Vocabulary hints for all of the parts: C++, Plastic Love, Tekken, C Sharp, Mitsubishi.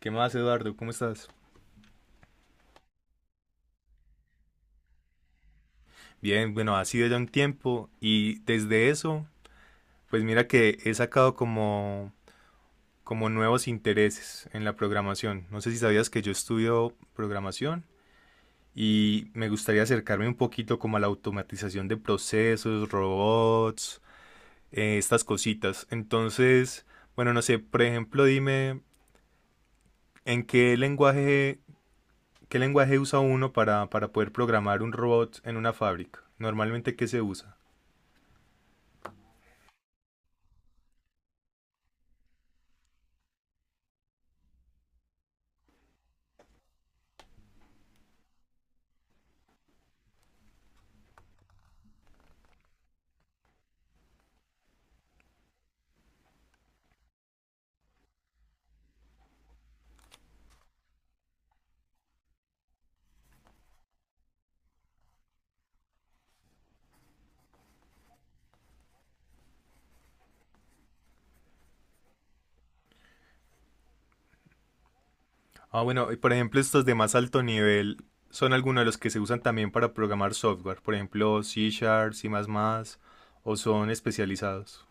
¿Qué más, Eduardo? ¿Cómo estás? Bien, bueno, ha sido ya un tiempo y desde eso, pues mira que he sacado como nuevos intereses en la programación. No sé si sabías que yo estudio programación y me gustaría acercarme un poquito como a la automatización de procesos, robots, estas cositas. Entonces, bueno, no sé, por ejemplo, dime en qué lenguaje usa uno para poder programar un robot en una fábrica. Normalmente, ¿qué se usa? Ah, bueno, y por ejemplo, estos de más alto nivel son algunos de los que se usan también para programar software, por ejemplo, C Sharp, C++, o son especializados.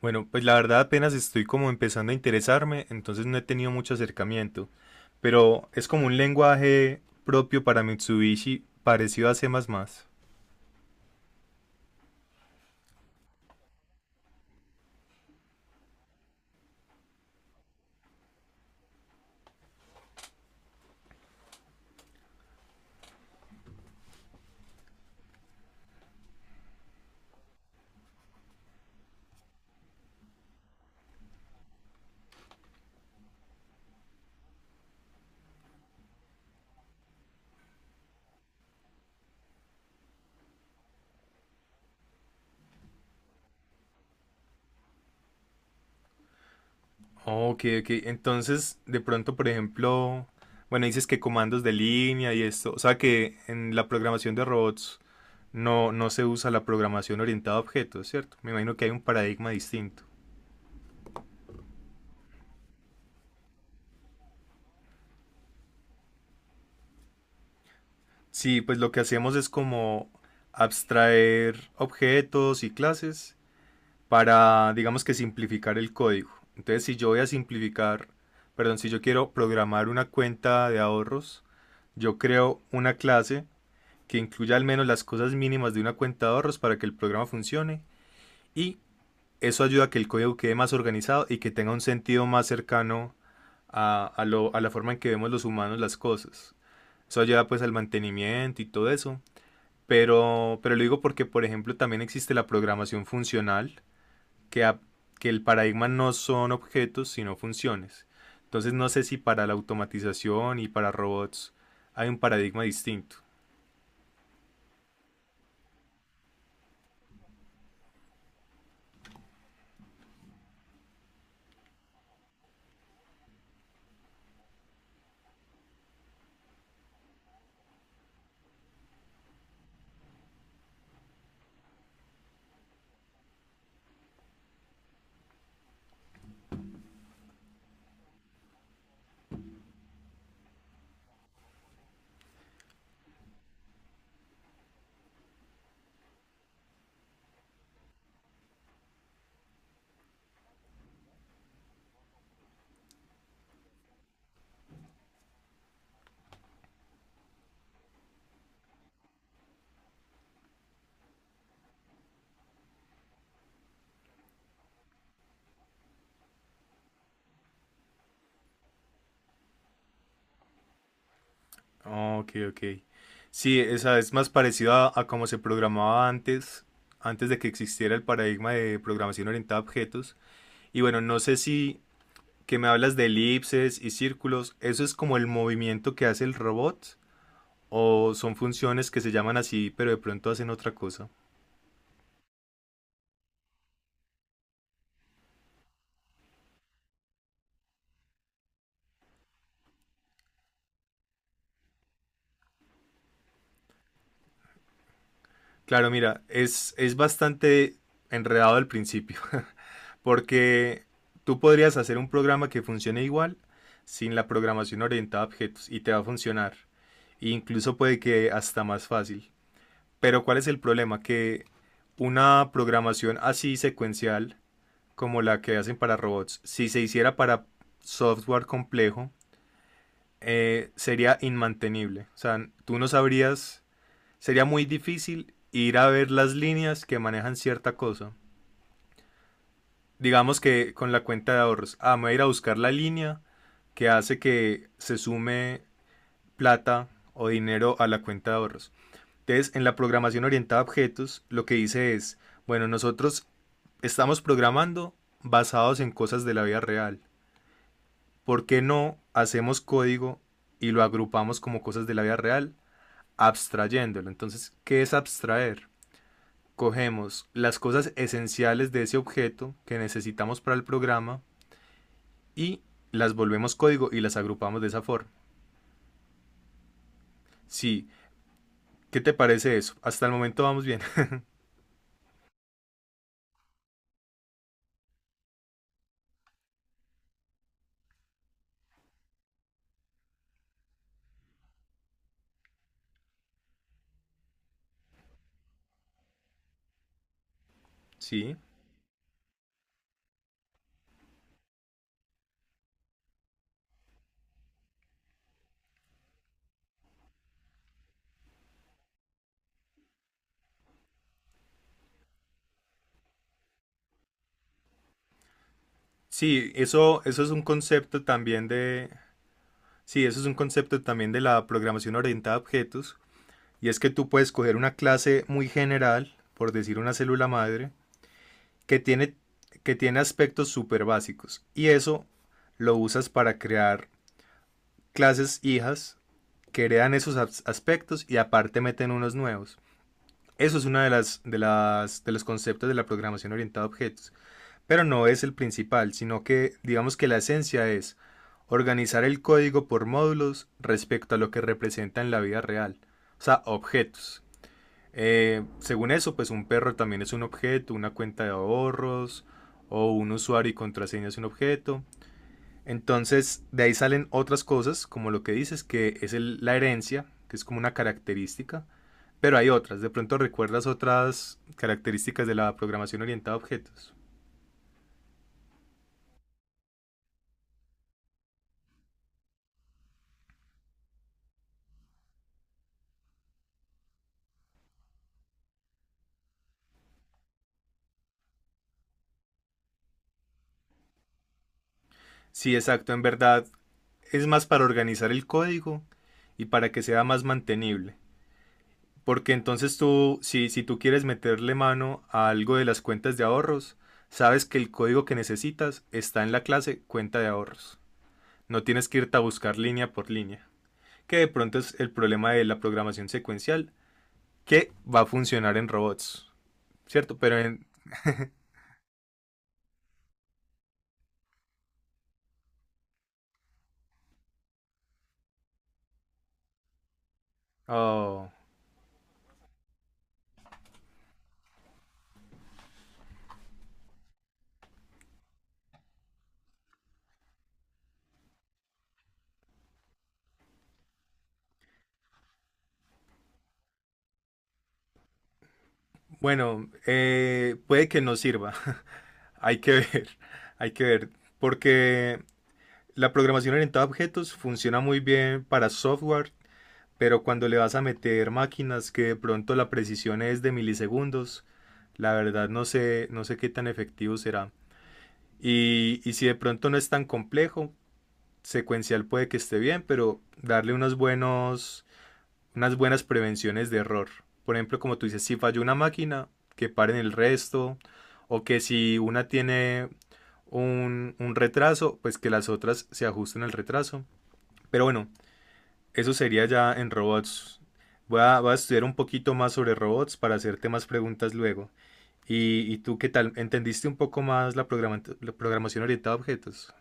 Bueno, pues la verdad apenas estoy como empezando a interesarme, entonces no he tenido mucho acercamiento, pero es como un lenguaje propio para Mitsubishi parecido a C++. Ok, ok. Entonces, de pronto, por ejemplo, bueno, dices que comandos de línea y esto, o sea que en la programación de robots no se usa la programación orientada a objetos, ¿cierto? Me imagino que hay un paradigma distinto. Sí, pues lo que hacemos es como abstraer objetos y clases para, digamos que simplificar el código. Entonces, si yo voy a simplificar, perdón, si yo quiero programar una cuenta de ahorros, yo creo una clase que incluya al menos las cosas mínimas de una cuenta de ahorros para que el programa funcione y eso ayuda a que el código quede más organizado y que tenga un sentido más cercano a la forma en que vemos los humanos las cosas. Eso ayuda pues al mantenimiento y todo eso. Pero lo digo porque, por ejemplo, también existe la programación funcional, que, a- que el paradigma no son objetos, sino funciones. Entonces no sé si para la automatización y para robots hay un paradigma distinto. Ah, Ok, ok. Sí, esa es más parecida a cómo se programaba antes, antes de que existiera el paradigma de programación orientada a objetos. Y bueno, no sé si que me hablas de elipses y círculos, ¿eso es como el movimiento que hace el robot? ¿O son funciones que se llaman así, pero de pronto hacen otra cosa? Claro, mira, es bastante enredado al principio. Porque tú podrías hacer un programa que funcione igual sin la programación orientada a objetos y te va a funcionar. E incluso puede que hasta más fácil. Pero ¿cuál es el problema? Que una programación así secuencial como la que hacen para robots, si se hiciera para software complejo, sería inmantenible. O sea, tú no sabrías, sería muy difícil ir a ver las líneas que manejan cierta cosa. Digamos que con la cuenta de ahorros, ah, me voy a ir a buscar la línea que hace que se sume plata o dinero a la cuenta de ahorros. Entonces, en la programación orientada a objetos, lo que dice es, bueno, nosotros estamos programando basados en cosas de la vida real. ¿Por qué no hacemos código y lo agrupamos como cosas de la vida real, abstrayéndolo? Entonces, ¿qué es abstraer? Cogemos las cosas esenciales de ese objeto que necesitamos para el programa y las volvemos código y las agrupamos de esa forma. Sí, ¿qué te parece eso? Hasta el momento vamos bien. Sí. Sí, eso es un concepto también de. Sí, eso es un concepto también de la programación orientada a objetos. Y es que tú puedes coger una clase muy general, por decir una célula madre, que tiene, que tiene aspectos súper básicos. Y eso lo usas para crear clases hijas que heredan esos aspectos y aparte meten unos nuevos. Eso es uno de, de los conceptos de la programación orientada a objetos, pero no es el principal, sino que digamos que la esencia es organizar el código por módulos respecto a lo que representa en la vida real, o sea, objetos. Según eso, pues un perro también es un objeto, una cuenta de ahorros o un usuario y contraseña es un objeto. Entonces, de ahí salen otras cosas, como lo que dices, que es la herencia, que es como una característica, pero hay otras, de pronto recuerdas otras características de la programación orientada a objetos. Sí, exacto, en verdad es más para organizar el código y para que sea más mantenible. Porque entonces tú, si tú quieres meterle mano a algo de las cuentas de ahorros, sabes que el código que necesitas está en la clase cuenta de ahorros. No tienes que irte a buscar línea por línea. Que de pronto es el problema de la programación secuencial, que va a funcionar en robots, ¿cierto? Pero en... oh. Bueno, puede que no sirva. Hay que ver, hay que ver. Porque la programación orientada a objetos funciona muy bien para software, pero cuando le vas a meter máquinas que de pronto la precisión es de milisegundos, la verdad no sé, no sé qué tan efectivo será. Y si de pronto no es tan complejo, secuencial puede que esté bien, pero darle unos buenos unas buenas prevenciones de error. Por ejemplo, como tú dices, si falló una máquina, que paren el resto, o que si una tiene un retraso, pues que las otras se ajusten al retraso. Pero bueno, eso sería ya en robots. Voy a estudiar un poquito más sobre robots para hacerte más preguntas luego. ¿Y tú qué tal? ¿Entendiste un poco más la programación orientada a objetos?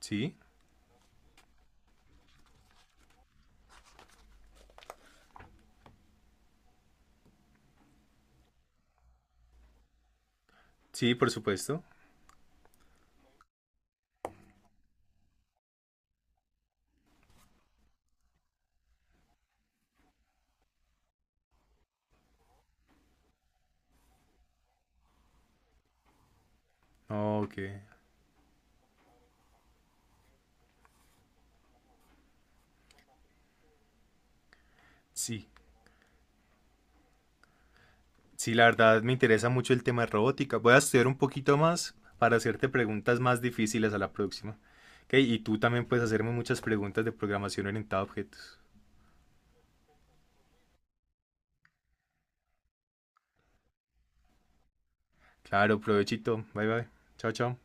Sí, sí, por supuesto. Ok, sí. Sí, la verdad me interesa mucho el tema de robótica. Voy a estudiar un poquito más para hacerte preguntas más difíciles a la próxima. Ok, y tú también puedes hacerme muchas preguntas de programación orientada a objetos. Claro, provechito. Bye bye. Chao, chao.